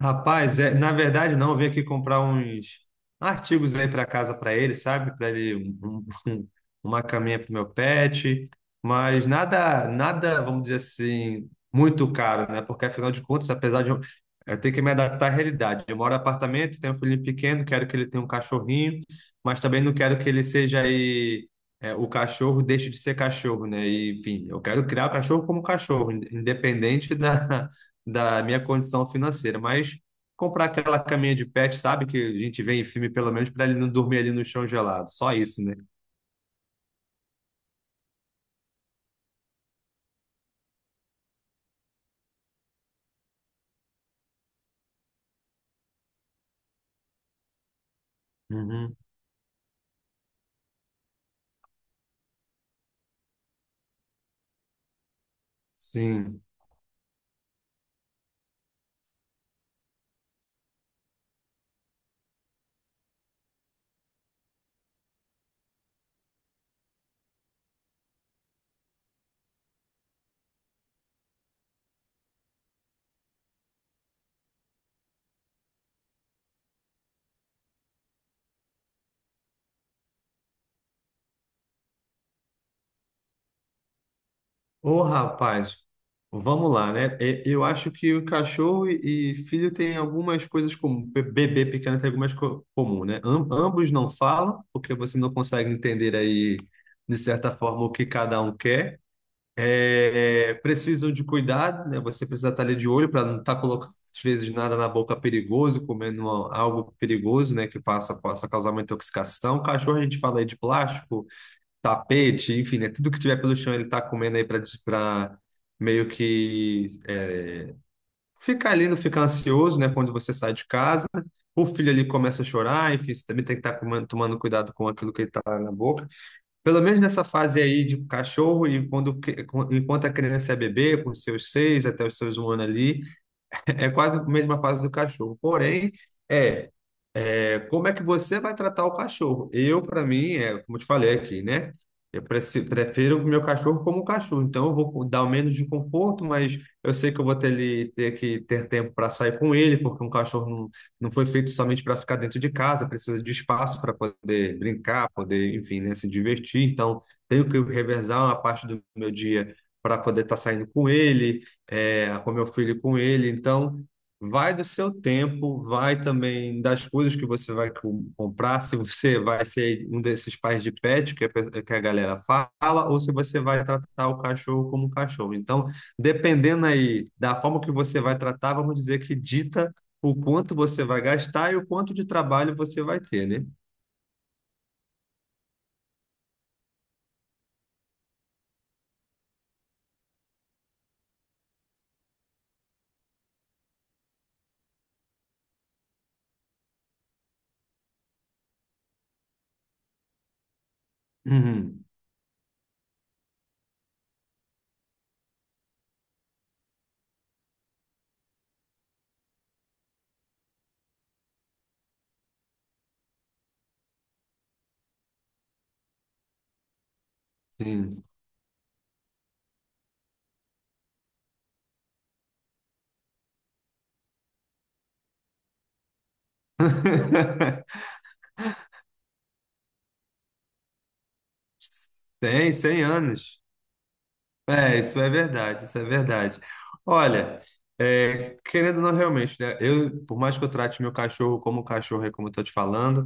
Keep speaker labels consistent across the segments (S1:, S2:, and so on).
S1: Rapaz, na verdade não, eu vim aqui comprar uns artigos aí para casa para ele, sabe? Para ele um- um- um, uma caminha para o meu pet, mas nada, vamos dizer assim, muito caro, né? Porque afinal de contas, eu ter que me adaptar à realidade, eu moro em apartamento, tenho um filhinho pequeno, quero que ele tenha um cachorrinho, mas também não quero que ele seja o cachorro deixe de ser cachorro, né? E, enfim, eu quero criar o cachorro como cachorro, independente da minha condição financeira, mas comprar aquela caminha de pet, sabe, que a gente vê em filme pelo menos para ele não dormir ali no chão gelado, só isso, né? Uhum. Sim. Ô, rapaz, vamos lá, né? Eu acho que o cachorro e filho têm algumas coisas comuns, bebê pequeno tem algumas co comuns, né? Ambos não falam, porque você não consegue entender aí, de certa forma, o que cada um quer. Precisam de cuidado, né? Você precisa estar ali de olho para não estar colocando, às vezes, nada na boca perigoso, comendo algo perigoso, né? Que possa causar uma intoxicação. Cachorro, a gente fala aí de plástico, tapete, enfim, né? Tudo que tiver pelo chão ele está comendo aí para meio que é, ficar ali, não ficar ansioso, né? Quando você sai de casa. O filho ali começa a chorar, enfim, você também tem que estar tomando cuidado com aquilo que ele está na boca. Pelo menos nessa fase aí de cachorro, enquanto a criança é bebê, com seus 6 até os seus 1 ano ali, é quase a mesma fase do cachorro. Porém, é, como é que você vai tratar o cachorro? Para mim, como eu te falei aqui, né? Prefiro o meu cachorro como um cachorro. Então, eu vou dar o menos de conforto, mas eu sei que eu vou ter, ter que ter tempo para sair com ele, porque um cachorro não foi feito somente para ficar dentro de casa, precisa de espaço para poder brincar, poder, enfim, né, se divertir. Então, tenho que revezar uma parte do meu dia para poder estar saindo com ele, com meu filho e com ele. Então. Vai do seu tempo, vai também das coisas que você vai comprar, se você vai ser um desses pais de pet que a galera fala, ou se você vai tratar o cachorro como um cachorro. Então, dependendo aí da forma que você vai tratar, vamos dizer que dita o quanto você vai gastar e o quanto de trabalho você vai ter, né? Uhum, sim. Tem 100 anos. Isso é verdade, isso é verdade. Olha, querendo ou não realmente, né? Eu, por mais que eu trate meu cachorro como cachorro, é como eu tô te falando,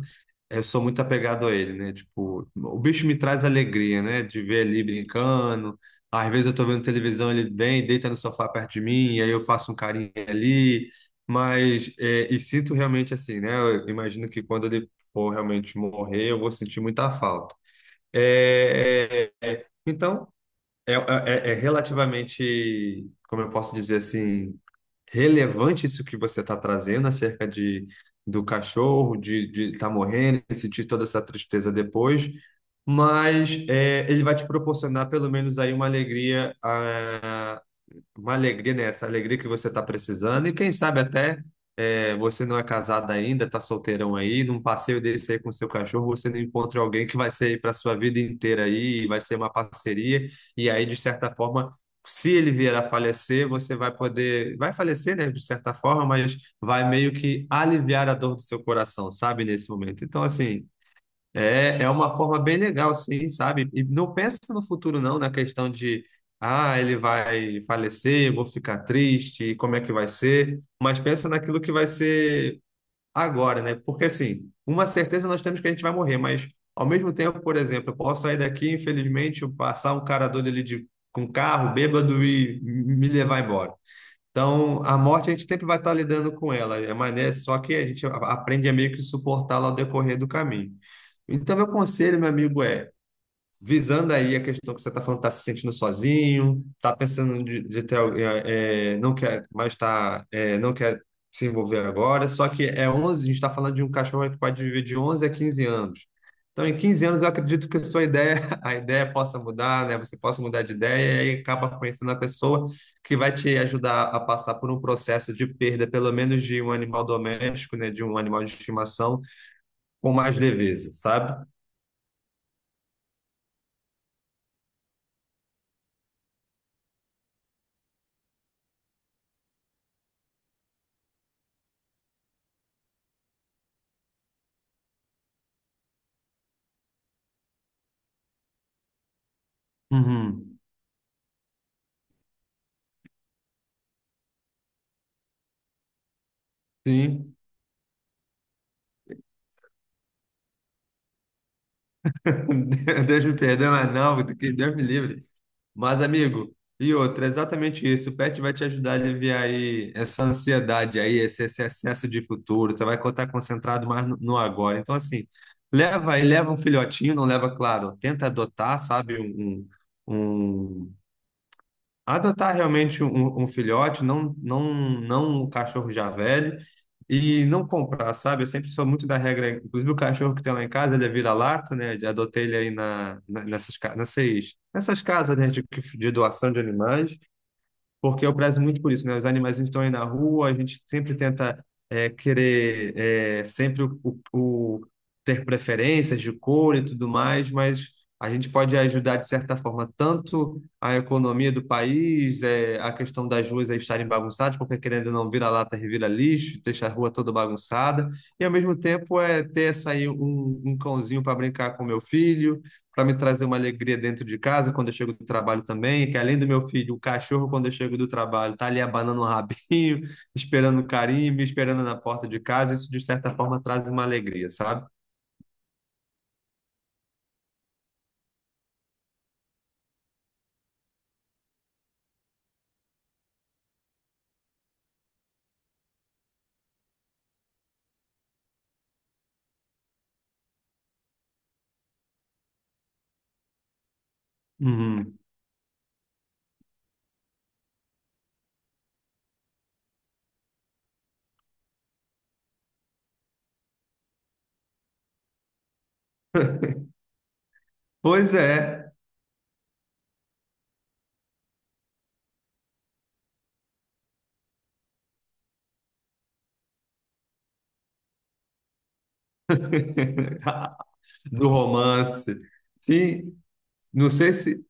S1: eu sou muito apegado a ele, né? Tipo, o bicho me traz alegria, né? De ver ele brincando. Às vezes eu tô vendo televisão, ele vem, deita no sofá perto de mim, e aí eu faço um carinho ali. Mas, e sinto realmente assim, né? Eu imagino que quando ele for realmente morrer, eu vou sentir muita falta. Então. É relativamente, como eu posso dizer assim, relevante isso que você está trazendo acerca de, do cachorro, de estar morrendo, e sentir toda essa tristeza depois, mas ele vai te proporcionar pelo menos aí uma alegria, né? Essa alegria que você está precisando. E quem sabe até você não é casado ainda, está solteirão aí, num passeio desse aí com seu cachorro, você não encontra alguém que vai ser aí para sua vida inteira aí, e vai ser uma parceria. E aí, de certa forma, se ele vier a falecer, você vai poder, vai falecer, né? De certa forma, mas vai meio que aliviar a dor do seu coração, sabe? Nesse momento. Então, assim. É uma forma bem legal, assim, sabe? E não pensa no futuro, não, na questão de, ah, ele vai falecer, eu vou ficar triste, como é que vai ser? Mas pensa naquilo que vai ser agora, né? Porque, assim, uma certeza nós temos que a gente vai morrer, mas, ao mesmo tempo, por exemplo, eu posso sair daqui, infelizmente, eu passar um cara doido ali de, com carro, bêbado e me levar embora. Então, a morte a gente sempre vai estar lidando com ela, é mais, né? Só que a gente aprende a meio que suportá-la ao decorrer do caminho. Então, meu conselho, meu amigo, é visando aí a questão que você está falando, está se sentindo sozinho, está pensando de ter alguém, não quer mais não quer se envolver agora, só que a gente está falando de um cachorro que pode viver de 11 a 15 anos. Então, em 15 anos, eu acredito que a sua ideia, a ideia possa mudar, né? Você possa mudar de ideia e acaba conhecendo a pessoa que vai te ajudar a passar por um processo de perda, pelo menos de um animal doméstico, né? De um animal de estimação, com mais leveza, sabe? Uhum. Sim. Deus me perdoe, mas não, que Deus me livre. Mas, amigo, e outra, é exatamente isso. O pet vai te ajudar a aliviar aí essa ansiedade aí, esse excesso de futuro. Você vai estar concentrado mais no agora. Então, assim, leva aí, leva um filhotinho, não leva, claro, tenta adotar, sabe, um, Adotar realmente um filhote, não um cachorro já velho, e não comprar, sabe? Eu sempre sou muito da regra, inclusive o cachorro que tem lá em casa, ele é vira-lata, né? Eu adotei ele nessas, nessas casas, né, de doação de animais porque eu prezo muito por isso, né? Os animais estão aí na rua, a gente sempre tenta querer sempre ter preferências de cor e tudo mais, mas a gente pode ajudar de certa forma tanto a economia do país, a questão das ruas aí estarem bagunçadas, porque querendo ou não vira lata, revira lixo, deixa a rua toda bagunçada, e ao mesmo tempo é ter essa aí um cãozinho para brincar com meu filho para me trazer uma alegria dentro de casa quando eu chego do trabalho também, que além do meu filho, o cachorro, quando eu chego do trabalho, tá ali abanando o rabinho, esperando o carinho, me esperando na porta de casa, isso de certa forma traz uma alegria, sabe? Uhum. Pois é, do romance. Sim, não sei se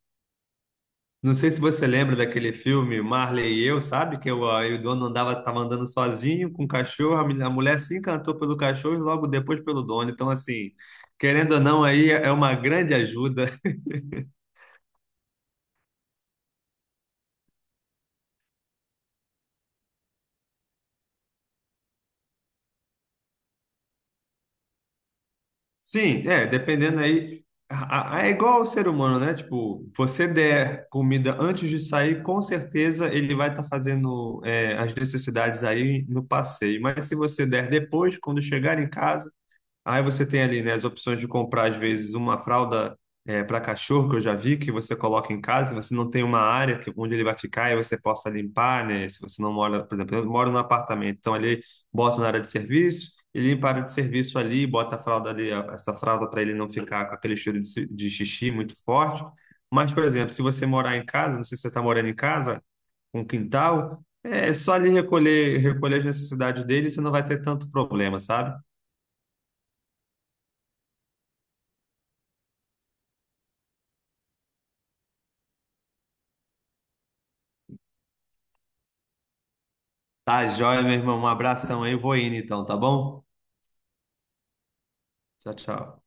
S1: não sei se você lembra daquele filme Marley e Eu, sabe? Que o, aí o dono andava, tava andando sozinho com o cachorro, a mulher se encantou pelo cachorro e logo depois pelo dono. Então, assim, querendo ou não, aí é uma grande ajuda. Sim, dependendo aí. É igual ao ser humano, né? Tipo, você der comida antes de sair, com certeza ele vai estar fazendo as necessidades aí no passeio. Mas se você der depois, quando chegar em casa, aí você tem ali, né, as opções de comprar, às vezes, uma fralda para cachorro, que eu já vi, que você coloca em casa, você não tem uma área onde ele vai ficar e você possa limpar, né? Se você não mora, por exemplo, eu moro num apartamento, então ali boto na área de serviço, e limpa a área de serviço ali, bota a fralda ali, essa fralda para ele não ficar com aquele cheiro de xixi muito forte. Mas, por exemplo, se você morar em casa, não sei se você está morando em casa, com quintal, é só ali recolher as necessidades dele, você não vai ter tanto problema, sabe? Tá joia, meu irmão. Um abração aí. Vou indo então, tá bom? Tchau, tchau.